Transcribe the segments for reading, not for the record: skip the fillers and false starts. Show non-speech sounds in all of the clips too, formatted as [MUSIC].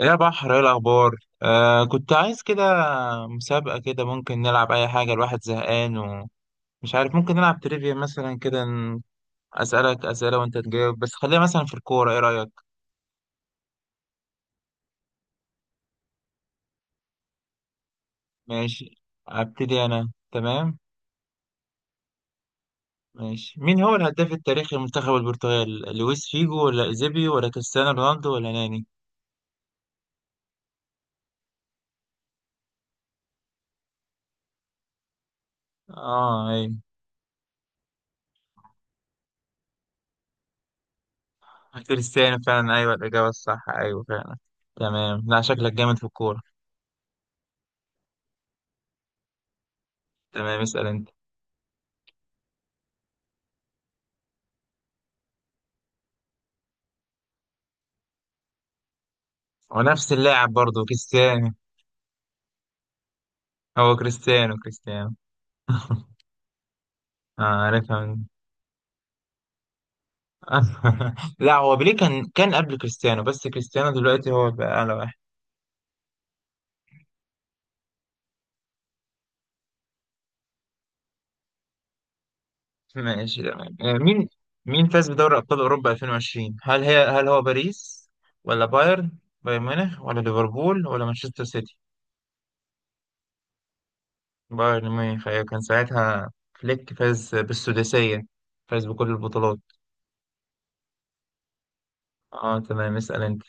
يا بحر، ايه الاخبار؟ كنت عايز كده مسابقة كده. ممكن نلعب اي حاجة، الواحد زهقان ومش عارف. ممكن نلعب تريفيا مثلا كده، اسألك اسئلة وانت تجاوب، بس خليها مثلا في الكورة، ايه رأيك؟ ماشي، ابتدي انا. تمام. ماشي، مين هو الهداف التاريخي لمنتخب البرتغال؟ لويس فيجو ولا ايزيبي ولا كريستيانو رونالدو ولا ناني؟ اه ايوه، كريستيانو فعلا، ايوه الاجابة الصح، ايوه فعلا. تمام، لا شكلك جامد في الكورة. تمام اسأل انت. ونفس اللاعب برضه كريستيانو. هو كريستيانو، كريستيانو. [LAUGHS] عارفها [LAUGHS] لا، هو بيليه كان قبل كريستيانو، بس كريستيانو دلوقتي هو بقى أعلى واحد. ماشي تمام. مين فاز بدوري أبطال أوروبا 2020؟ هل هو باريس ولا بايرن ميونخ ولا ليفربول ولا مانشستر سيتي؟ بايرن ميونخ أيوة، كان ساعتها فليك فاز بالسداسية، فاز بكل البطولات. اه تمام، اسأل انت.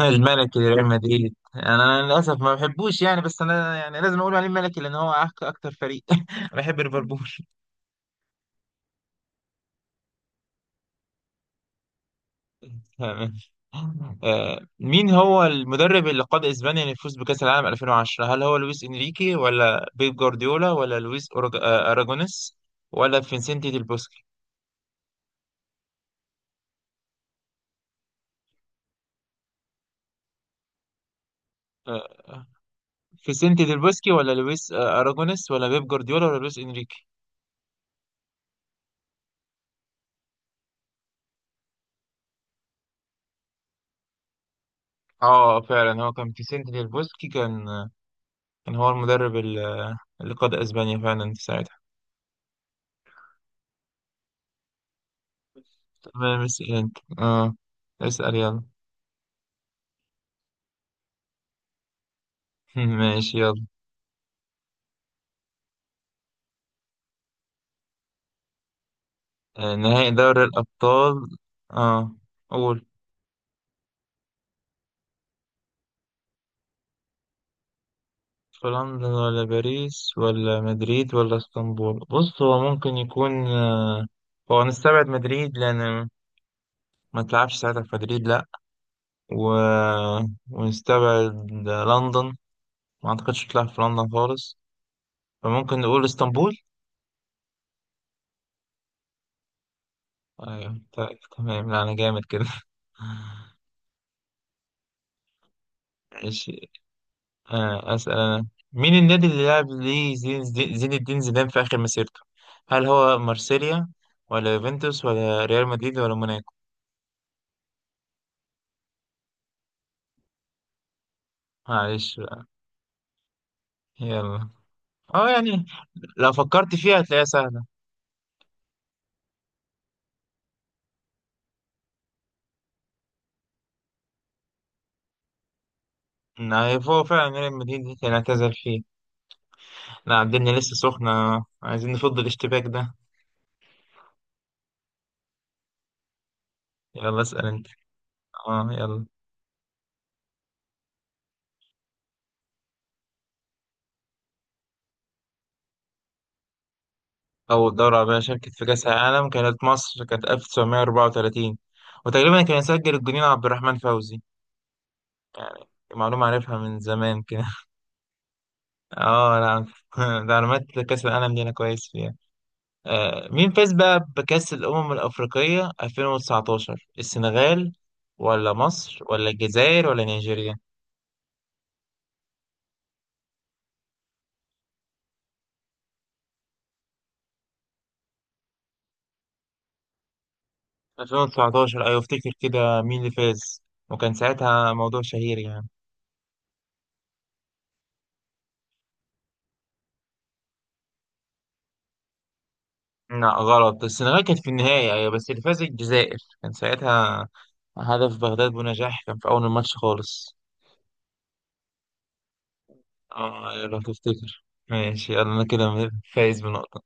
الملكي لريال مدريد، يعني انا للاسف ما بحبوش يعني، بس انا يعني لازم اقول عليه ملكي لان هو اكتر فريق. [LAUGHS] أنا بحب ليفربول. تمام. مين هو المدرب اللي قاد اسبانيا للفوز بكاس العالم 2010؟ هل هو لويس انريكي ولا بيب جوارديولا ولا لويس اراجونيس ولا فينسنتي ديل بوسكي؟ آه، فيسنتي ديل بوسكي ولا لويس اراجونيس ولا بيب جوارديولا ولا لويس انريكي؟ اه فعلا، هو كان فيسنتي ديل بوسكي. كان هو المدرب اللي قاد اسبانيا فعلا ساعتها. تمام اسأل انت، اه اسأل يلا. [LAUGHS] ماشي يلا. نهائي دوري الأبطال. اه قول. في لندن ولا باريس ولا مدريد ولا اسطنبول؟ بص، هو ممكن يكون هو نستبعد مدريد، لأن ما تلعبش ساعتها في مدريد لأ. و... [LAUGHS] ونستبعد لندن، ما أعتقدش تلعب في لندن خالص، فممكن نقول اسطنبول. ايوه طيب، تمام، لا انا جامد كده. [LAUGHS] ماشي. أسأل أنا. مين النادي اللي لعب ليه زين الدين زيدان في آخر مسيرته؟ هل هو مارسيليا ولا يوفنتوس ولا ريال مدريد ولا موناكو؟ معلش بقى، يلا. اه يعني لو فكرت فيها هتلاقيها سهلة. إن هو فعلا ريال مدريد كان اعتزل فيه. لا الدنيا لسه سخنة، عايزين نفض الاشتباك ده. يلا اسأل انت، اه يلا. أول دورة عربية شاركت في كأس العالم كانت مصر، كانت 1934، وتقريبا كان يسجل الجنين عبد الرحمن فوزي. يعني معلومة عارفها من زمان كده. [LAUGHS] اه لا. [LAUGHS] ده معلومات كأس العالم دي أنا كويس فيها. مين فاز بقى بكأس الأمم الأفريقية 2019؟ السنغال ولا مصر ولا الجزائر ولا نيجيريا؟ 2019 أيوة، أفتكر كده، مين اللي فاز؟ وكان ساعتها موضوع شهير يعني. لا غلط، السنغال كانت في النهاية أيوة، بس اللي فاز الجزائر كان ساعتها، هدف بغداد بنجاح كان في أول الماتش خالص. اه لو تفتكر. ماشي يلا، أنا كده فايز بنقطة.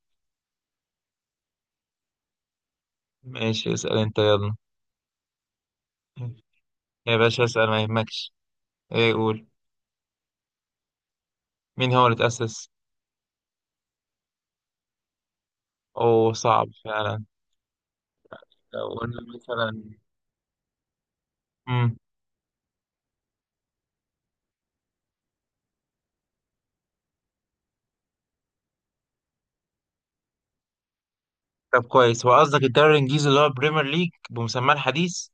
ماشي اسأل انت يلا. يا باشا اسأل ما يهمكش، ايه يقول. مين هو اللي تأسس؟ اوه صعب فعلا. لو قلنا مثلا. مم. طب كويس، هو قصدك الدوري الانجليزي اللي هو بريمير ليج بمسماه الحديث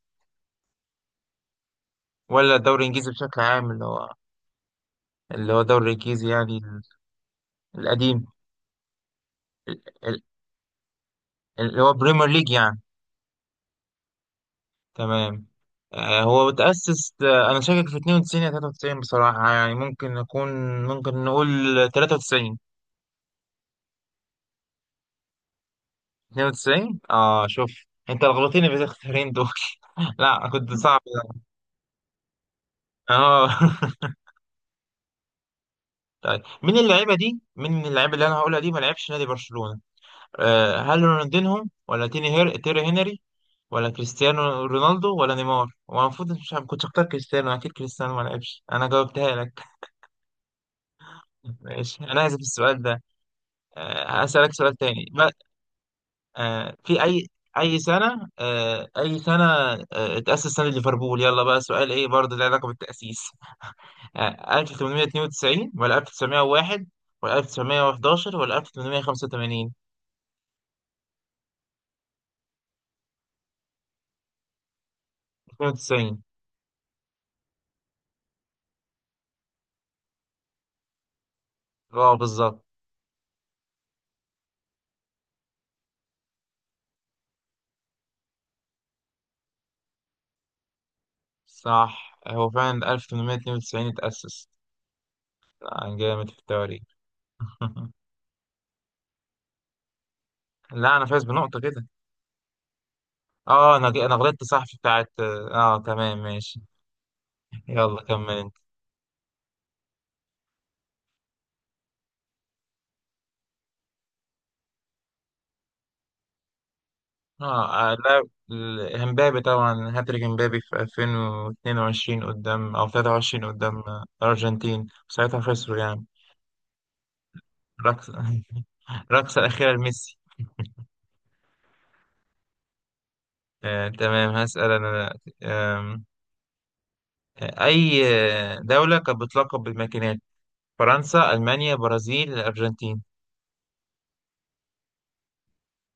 ولا الدوري الانجليزي بشكل عام اللي هو الدوري الانجليزي يعني القديم؟ ال- ال- اللي هو بريمير ليج يعني. تمام. هو اتأسس. انا شاكك في 92 يا 93 بصراحة، يعني ممكن نكون، ممكن نقول 93. 92 اه، شوف انت لخبطتني بالاختيارين دول. [LAUGHS] لا، كنت صعب ده. اه [LAUGHS] طيب، مين اللعيبه اللي انا هقولها دي ما لعبش نادي برشلونه؟ هل رونالدينهم ولا تيري هنري ولا كريستيانو رونالدو ولا نيمار؟ هو المفروض مش عارف، كنت اختار كريستيانو. اكيد كريستيانو ما لعبش، انا جاوبتها لك. [LAUGHS] ماشي انا هسيب السؤال ده. هسألك سؤال تاني ما... آه في اي اي سنه آه اي سنه آه اتأسس نادي ليفربول؟ يلا بقى سؤال ايه برضه له علاقه بالتأسيس. يعني 1892 ولا 1901 ولا 1911 ولا 1885؟ 92. اه بالظبط، صح هو فعلا 1892 اتأسس. جامد في التواريخ. [LAUGHS] لا انا فايز بنقطة كده. اه، انا غلطت صح في بتاعت، تمام ماشي. يلا كمل انت. لا، امبابي طبعا، هاتريك امبابي في 2022 قدام او 23 قدام الارجنتين، ساعتها خسروا يعني. الرقصة. [LAUGHS] الرقصة الأخيرة لميسي. تمام هسأل أنا. آم، أي دولة كانت بتلقب بالماكينات؟ فرنسا، ألمانيا، برازيل، الأرجنتين؟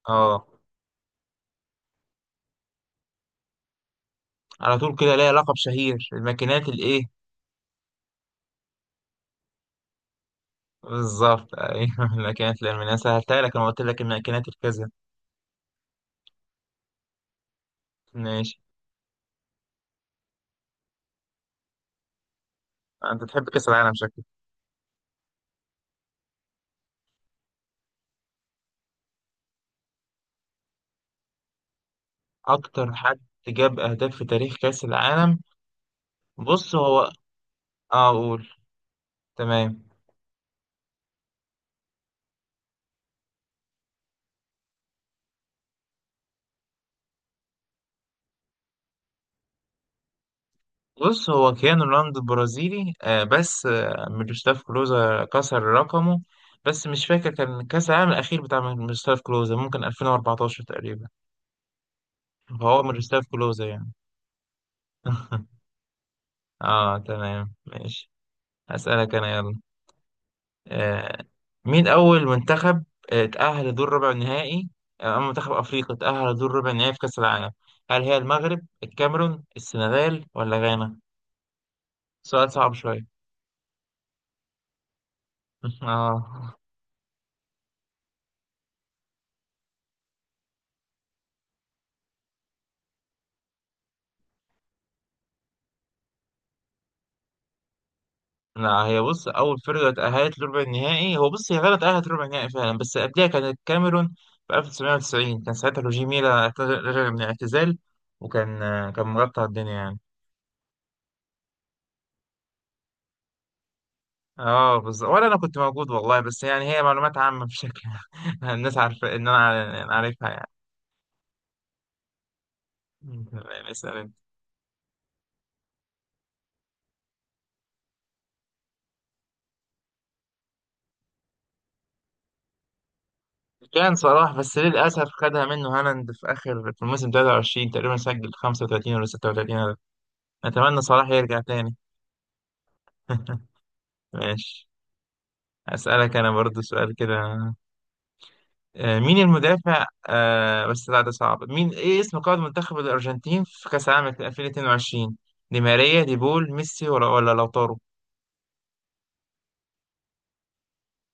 اه على طول كده ليها لقب شهير الماكينات الإيه؟ بالظبط أيوه. [LAUGHS] الماكينات الألمانية، أنا سهلتها لك، أنا قلت لك الماكينات الكذا. ماشي. أنت تحب كأس العالم شكلك. أكتر حد جاب أهداف في تاريخ كأس العالم؟ بص هو، اه أقول تمام. بص هو كيانو رونالدو البرازيلي بس ميروسلاف كلوزا كسر رقمه، بس مش فاكر كان كأس العالم الأخير بتاع ميروسلاف كلوزا، ممكن 2014 تقريبا. فهو ميروسلاف كلوزا يعني. [LAUGHS] اه تمام ماشي. هسألك أنا يلا. آه مين أول منتخب اتأهل لدور ربع النهائي، أما منتخب أفريقيا اتأهل لدور ربع النهائي في كأس العالم؟ هل هي المغرب، الكاميرون، السنغال ولا غانا؟ سؤال صعب شوية. [LAUGHS] اه لا هي، بص، اول فرقه تاهلت لربع النهائي، هو بص هي غلط تاهلت ربع النهائي فعلا، بس قبلها كانت الكاميرون في 1990، كان ساعتها روجي ميلا رجع من الاعتزال، وكان آه، كان مغطى الدنيا يعني. اه بالظبط، ولا انا كنت موجود والله، بس يعني هي معلومات عامه بشكل. [LAUGHS] الناس عارفه ان انا عارفها يعني. تمام، اسال انت. كان صلاح، بس للاسف خدها منه هالاند في اخر، في الموسم 23 تقريبا سجل 35 ولا 36 هدف. اتمنى صلاح يرجع تاني. [LAUGHS] ماشي. أسألك أنا برضو سؤال كده. مين المدافع، بس لا ده صعب. مين إيه اسم قائد منتخب الأرجنتين في كأس العالم 2022؟ دي ماريا، دي بول، ميسي ولا لوتارو؟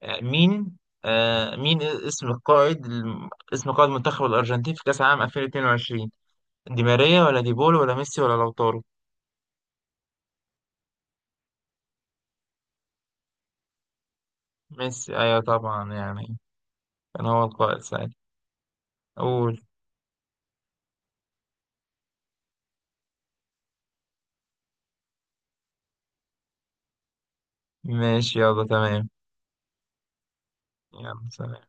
مين، اسم قائد منتخب الأرجنتين في كأس العالم 2022؟ دي ماريا ولا دي بول ولا ميسي ولا لوتارو؟ ميسي أيوة طبعا، يعني كان هو القائد ساعتها. قول. ماشي يلا تمام. يلا سلام.